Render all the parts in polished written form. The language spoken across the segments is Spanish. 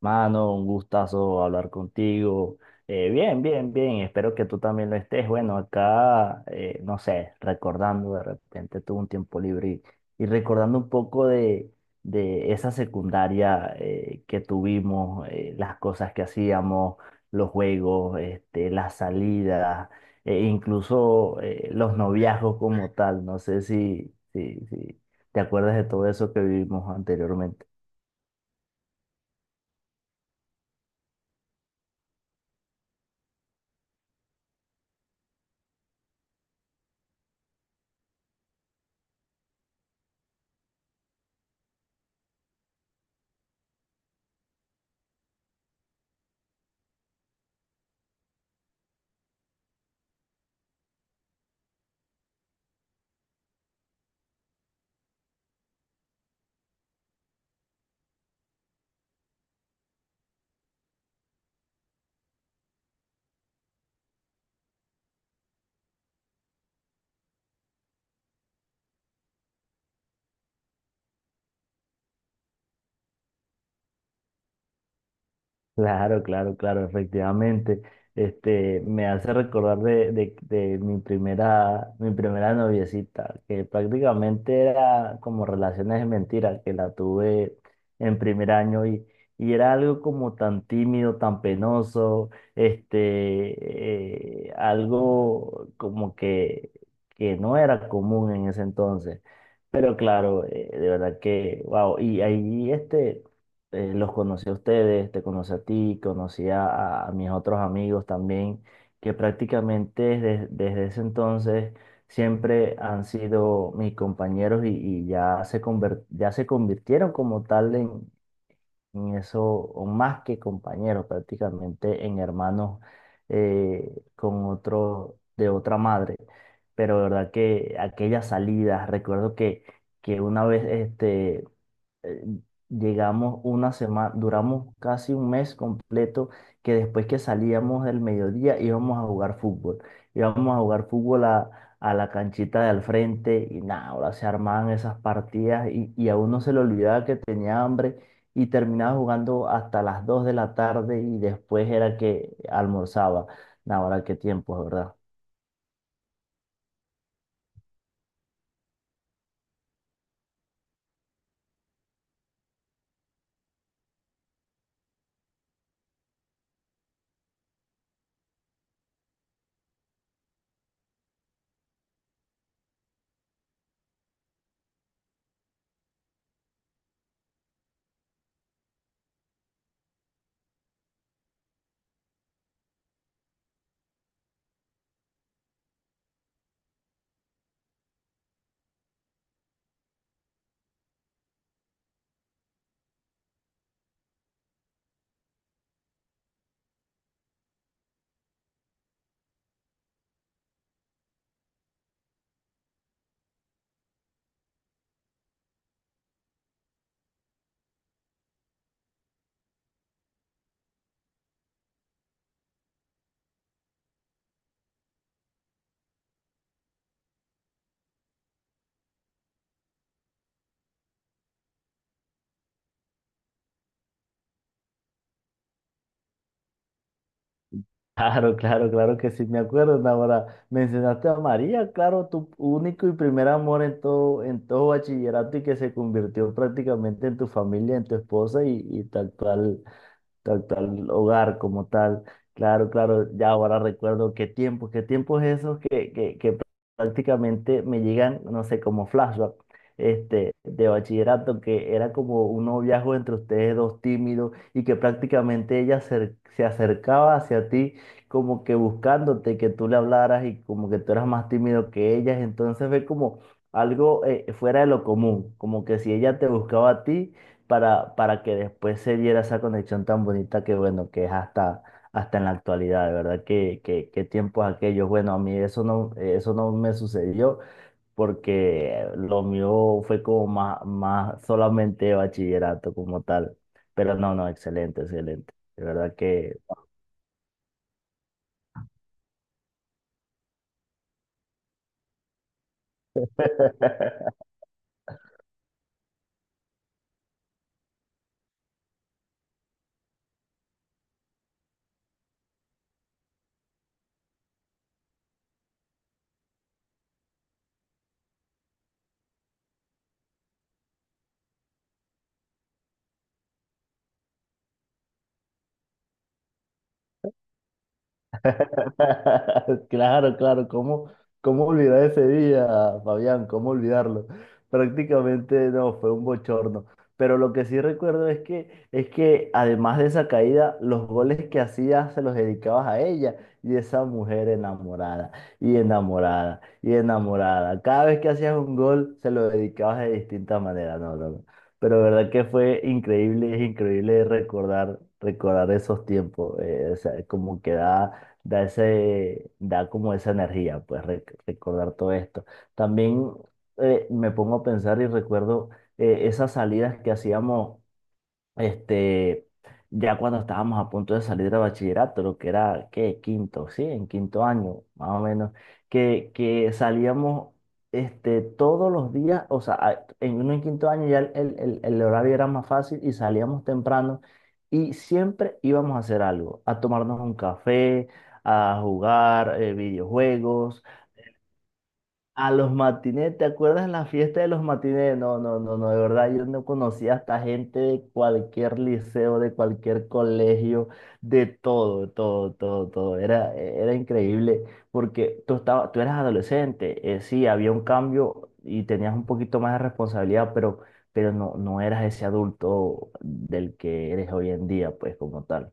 Mano, un gustazo hablar contigo. Bien, bien, bien. Espero que tú también lo estés. Bueno, acá, no sé, recordando, de repente tuve un tiempo libre y recordando un poco de esa secundaria que tuvimos, las cosas que hacíamos, los juegos, las salidas, e incluso los noviazgos como tal. No sé si te acuerdas de todo eso que vivimos anteriormente. Claro, claro, claro, efectivamente. Me hace recordar de mi primera noviecita, que prácticamente era como relaciones de mentira, que la tuve en primer año y era algo como tan tímido, tan penoso, algo como que no era común en ese entonces. Pero claro, de verdad que, wow, y ahí los conocí a ustedes, te conocí a ti, conocí a mis otros amigos también, que prácticamente desde ese entonces siempre han sido mis compañeros y ya se convirtieron como tal en eso, o más que compañeros, prácticamente en hermanos de otra madre. Pero de verdad que aquellas salidas, recuerdo que una vez eh, llegamos una semana, duramos casi un mes completo que después que salíamos del mediodía íbamos a jugar fútbol. Íbamos a jugar fútbol a la canchita de al frente y nada, ahora se armaban esas partidas y a uno se le olvidaba que tenía hambre y terminaba jugando hasta las 2 de la tarde y después era que almorzaba. Nada, ahora qué tiempos, ¿verdad? Claro, claro, claro que sí, me acuerdo, ahora mencionaste a María, claro, tu único y primer amor en todo bachillerato y que se convirtió prácticamente en tu familia, en tu esposa y tal cual tal hogar como tal. Claro, claro, ya ahora recuerdo qué tiempos esos que prácticamente me llegan, no sé, como flashback de bachillerato, que era como un noviazgo entre ustedes dos tímidos y que prácticamente ella se acercaba hacia ti como que buscándote que tú le hablaras y como que tú eras más tímido que ellas, entonces ve como algo fuera de lo común, como que si ella te buscaba a ti para que después se diera esa conexión tan bonita que, bueno, que es hasta en la actualidad, de verdad, que tiempos aquellos. Bueno, a mí eso no me sucedió porque lo mío fue como más solamente bachillerato como tal. Pero no, no, excelente, excelente. De verdad que... Claro, claro, ¿cómo olvidar ese día, Fabián? ¿Cómo olvidarlo? Prácticamente no, fue un bochorno. Pero lo que sí recuerdo es que además de esa caída, los goles que hacías se los dedicabas a ella y esa mujer enamorada y enamorada y enamorada. Cada vez que hacías un gol, se lo dedicabas de distinta manera. No, no, no. Pero verdad que fue increíble, es increíble recordar, esos tiempos. O sea, como que da da como esa energía, pues recordar todo esto. También me pongo a pensar y recuerdo esas salidas que hacíamos este, ya cuando estábamos a punto de salir de bachillerato, lo que era, ¿qué? Quinto, sí, en quinto año, más o menos, que salíamos todos los días, o sea, en uno en quinto año ya el horario era más fácil y salíamos temprano y siempre íbamos a hacer algo, a tomarnos un café, a jugar videojuegos a los matinés, ¿te acuerdas la fiesta de los matinés? No, no, no, no, de verdad yo no conocía hasta gente de cualquier liceo, de cualquier colegio, de todo, todo, todo, todo. Era increíble porque tú eras adolescente, sí, había un cambio y tenías un poquito más de responsabilidad, pero no, no eras ese adulto del que eres hoy en día, pues como tal.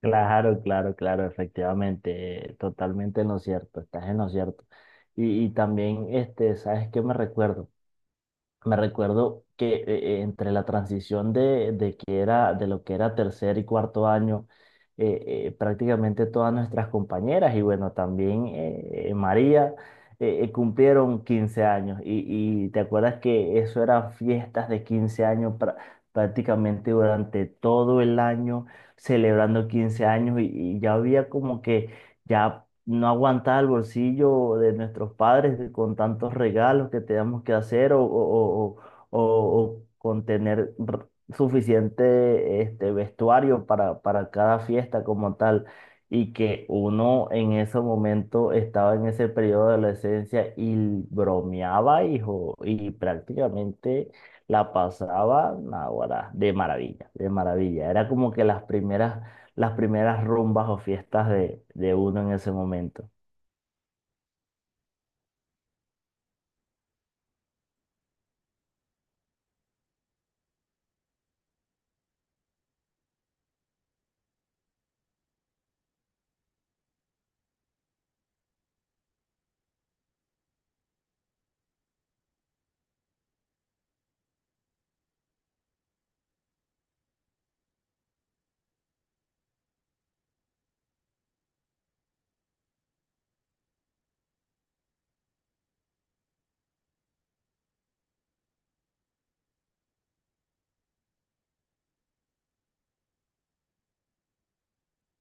Claro, claro, claro, efectivamente, totalmente en lo cierto, estás en lo cierto. Y también, ¿sabes qué me recuerdo? Me recuerdo que entre la transición de que era, de lo que era tercer y cuarto año, prácticamente todas nuestras compañeras y bueno, también María cumplieron 15 años. Y te acuerdas que eso eran fiestas de 15 años prácticamente durante todo el año, celebrando 15 años y ya había como que ya no aguantar el bolsillo de nuestros padres con tantos regalos que tenemos que hacer o con tener suficiente vestuario para cada fiesta como tal. Y que uno en ese momento estaba en ese periodo de adolescencia y bromeaba, hijo, y prácticamente la pasaba, naguará, de maravilla, de maravilla. Era como que las primeras rumbas o fiestas de uno en ese momento.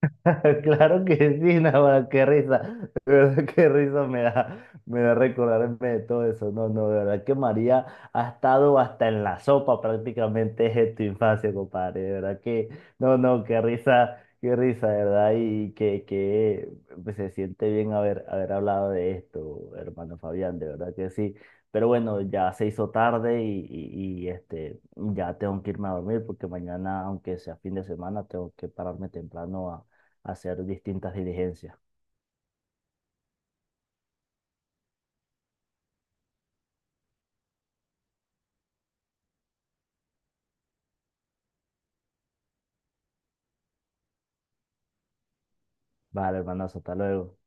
Claro que sí, nada, qué risa, de verdad qué risa me da recordarme de todo eso. No, no, de verdad que María ha estado hasta en la sopa prácticamente desde tu infancia, compadre. De verdad que, no, no, qué risa, de verdad, y que pues, se siente bien haber hablado de esto, hermano Fabián, de verdad que sí. Pero bueno, ya se hizo tarde ya tengo que irme a dormir porque mañana, aunque sea fin de semana, tengo que pararme temprano hacer distintas diligencias. Vale, hermanazo, hasta luego.